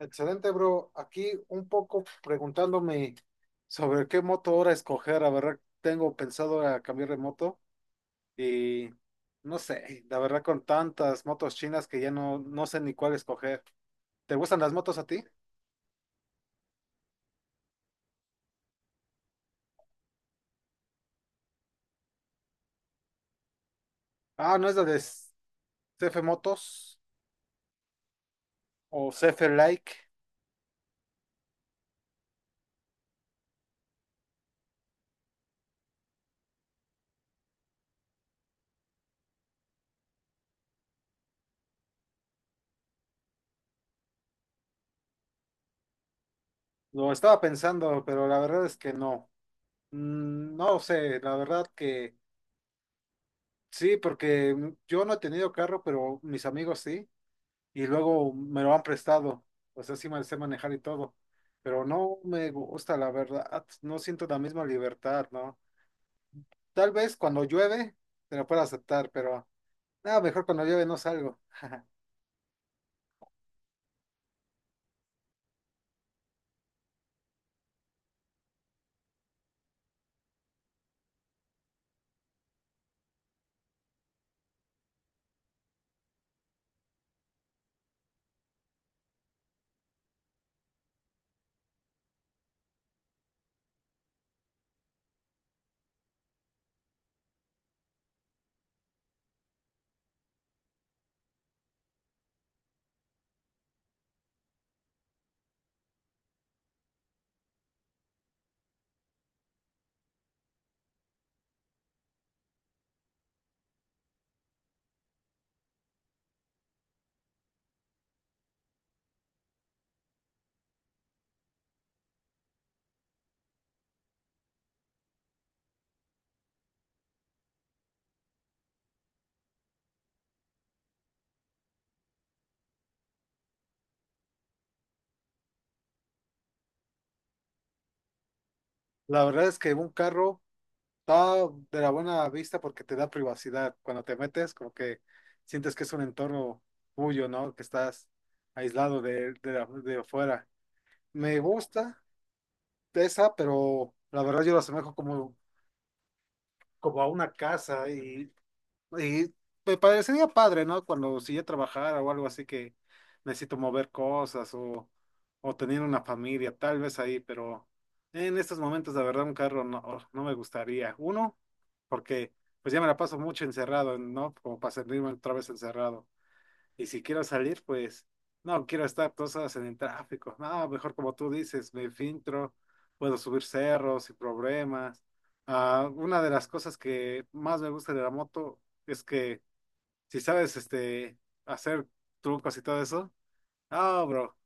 Excelente, bro. Aquí un poco preguntándome sobre qué moto ahora escoger. La verdad, tengo pensado a cambiar de moto y no sé, la verdad con tantas motos chinas que ya no sé ni cuál escoger. ¿Te gustan las motos a ti? Ah, ¿no es la de CF Motos o CF Like? Lo estaba pensando, pero la verdad es que no. No sé, la verdad que sí, porque yo no he tenido carro, pero mis amigos sí. Y luego me lo han prestado. O sea, sí me sé manejar y todo, pero no me gusta, la verdad. No siento la misma libertad, ¿no? Tal vez cuando llueve te lo pueda aceptar, pero nada, mejor cuando llueve no salgo. La verdad es que un carro está de la buena vista porque te da privacidad. Cuando te metes, como que sientes que es un entorno tuyo, ¿no? Que estás aislado de afuera. Me gusta esa, pero la verdad yo lo asemejo como a una casa y me parecería padre, ¿no? Cuando si ya trabajara o algo así que necesito mover cosas o tener una familia, tal vez ahí, pero en estos momentos, la verdad, un carro no, no me gustaría. Uno, porque pues ya me la paso mucho encerrado, ¿no? Como para sentirme otra vez encerrado. Y si quiero salir, pues no quiero estar 2 horas en el tráfico. No, mejor como tú dices, me filtro, puedo subir cerros sin problemas. Ah, una de las cosas que más me gusta de la moto es que si sabes este, hacer trucos y todo eso, ah, bro,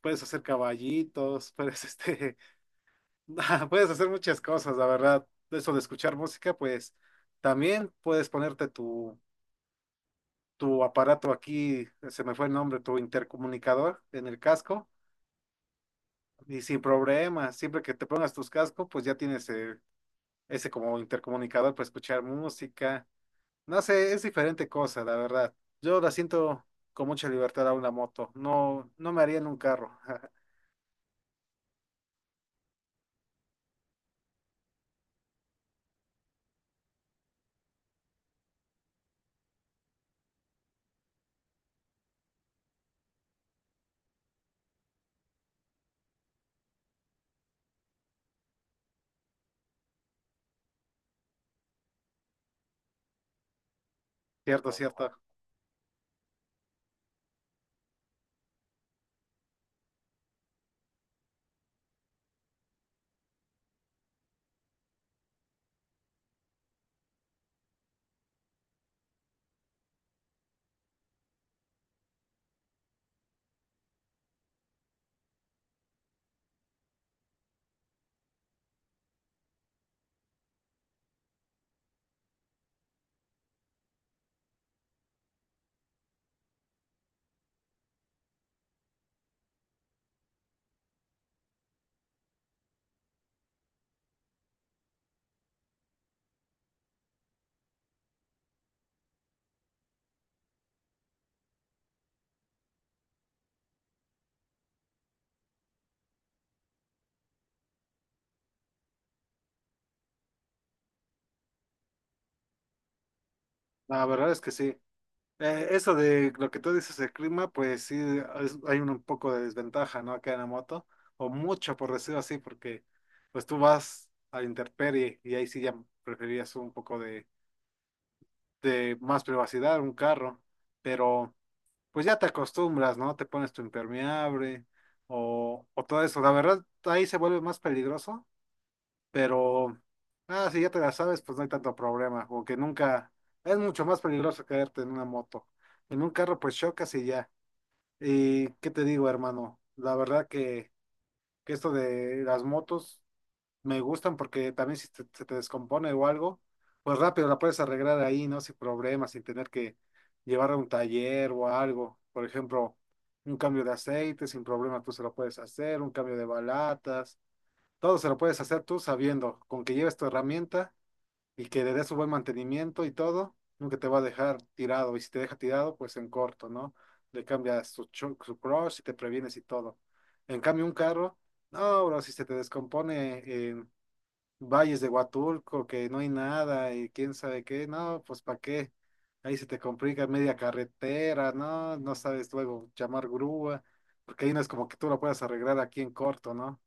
puedes hacer caballitos, puedes, este, puedes hacer muchas cosas, la verdad. Eso de escuchar música, pues también puedes ponerte tu aparato aquí, se me fue el nombre, tu intercomunicador en el casco y sin problema, siempre que te pongas tus cascos, pues ya tienes ese como intercomunicador para escuchar música. No sé, es diferente cosa, la verdad. Yo la siento con mucha libertad a una moto, no, no me haría en un carro. Cierto, cierto. La verdad es que sí. Eso de lo que tú dices del clima, pues sí, hay un poco de desventaja, ¿no? Acá en la moto, o mucho por decirlo así, porque pues tú vas a intemperie y ahí sí ya preferirías un poco de más privacidad, un carro, pero pues ya te acostumbras, ¿no? Te pones tu impermeable o todo eso. La verdad, ahí se vuelve más peligroso pero, si ya te la sabes, pues no hay tanto problema, porque nunca, es mucho más peligroso caerte en una moto. En un carro, pues chocas y ya. Y qué te digo, hermano, la verdad que esto de las motos me gustan porque también si se te descompone o algo, pues rápido la puedes arreglar ahí, ¿no? Sin problemas, sin tener que llevarla a un taller o algo. Por ejemplo, un cambio de aceite, sin problema tú se lo puedes hacer, un cambio de balatas todo se lo puedes hacer tú sabiendo, con que lleves tu herramienta y que le des su buen mantenimiento y todo, nunca te va a dejar tirado. Y si te deja tirado, pues en corto, ¿no? Le cambias su crush y te previenes y todo. En cambio, un carro, no, bro, si se te descompone en valles de Huatulco, que no hay nada y quién sabe qué, no, pues ¿para qué? Ahí se te complica media carretera, no, no sabes luego llamar grúa, porque ahí no es como que tú lo puedas arreglar aquí en corto, ¿no?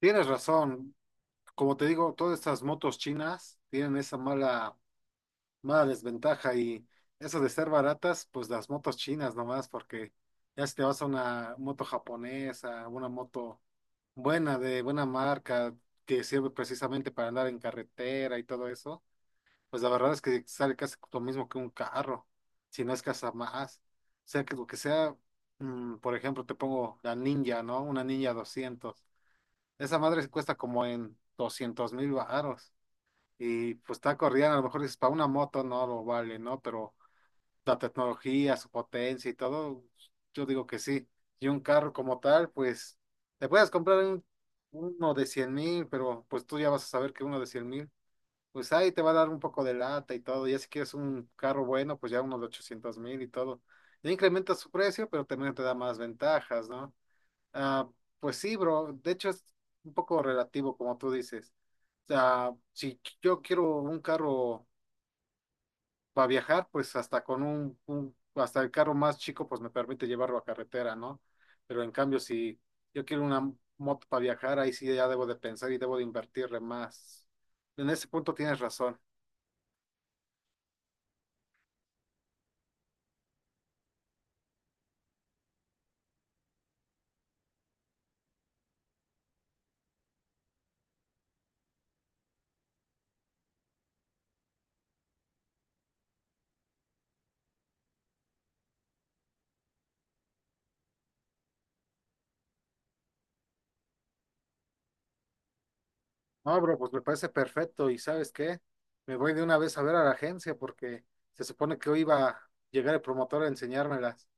Tienes razón. Como te digo, todas estas motos chinas tienen esa mala, mala desventaja y eso de ser baratas, pues las motos chinas nomás, porque ya si te vas a una moto japonesa, una moto buena, de buena marca, que sirve precisamente para andar en carretera y todo eso, pues la verdad es que sale casi lo mismo que un carro, si no es que hasta más. O sea, que lo que sea, por ejemplo, te pongo la Ninja, ¿no? Una Ninja 200. Esa madre cuesta como en 200,000 baros. Y pues está corrida, a lo mejor dices, para una moto no lo vale, ¿no? Pero la tecnología, su potencia y todo, yo digo que sí. Y un carro como tal, pues te puedes comprar uno de 100,000, pero pues tú ya vas a saber que uno de 100,000, pues ahí te va a dar un poco de lata y todo. Ya si quieres un carro bueno, pues ya uno de 800,000 y todo. Ya incrementa su precio, pero también te da más ventajas, ¿no? Ah, pues sí, bro. De hecho, es un poco relativo, como tú dices. O sea, si yo quiero un carro para viajar, pues hasta con hasta el carro más chico, pues me permite llevarlo a carretera, ¿no? Pero en cambio, si yo quiero una moto para viajar, ahí sí ya debo de pensar y debo de invertirle más. En ese punto tienes razón. No, bro, pues me parece perfecto. ¿Y sabes qué? Me voy de una vez a ver a la agencia porque se supone que hoy iba a llegar el promotor a enseñármelas.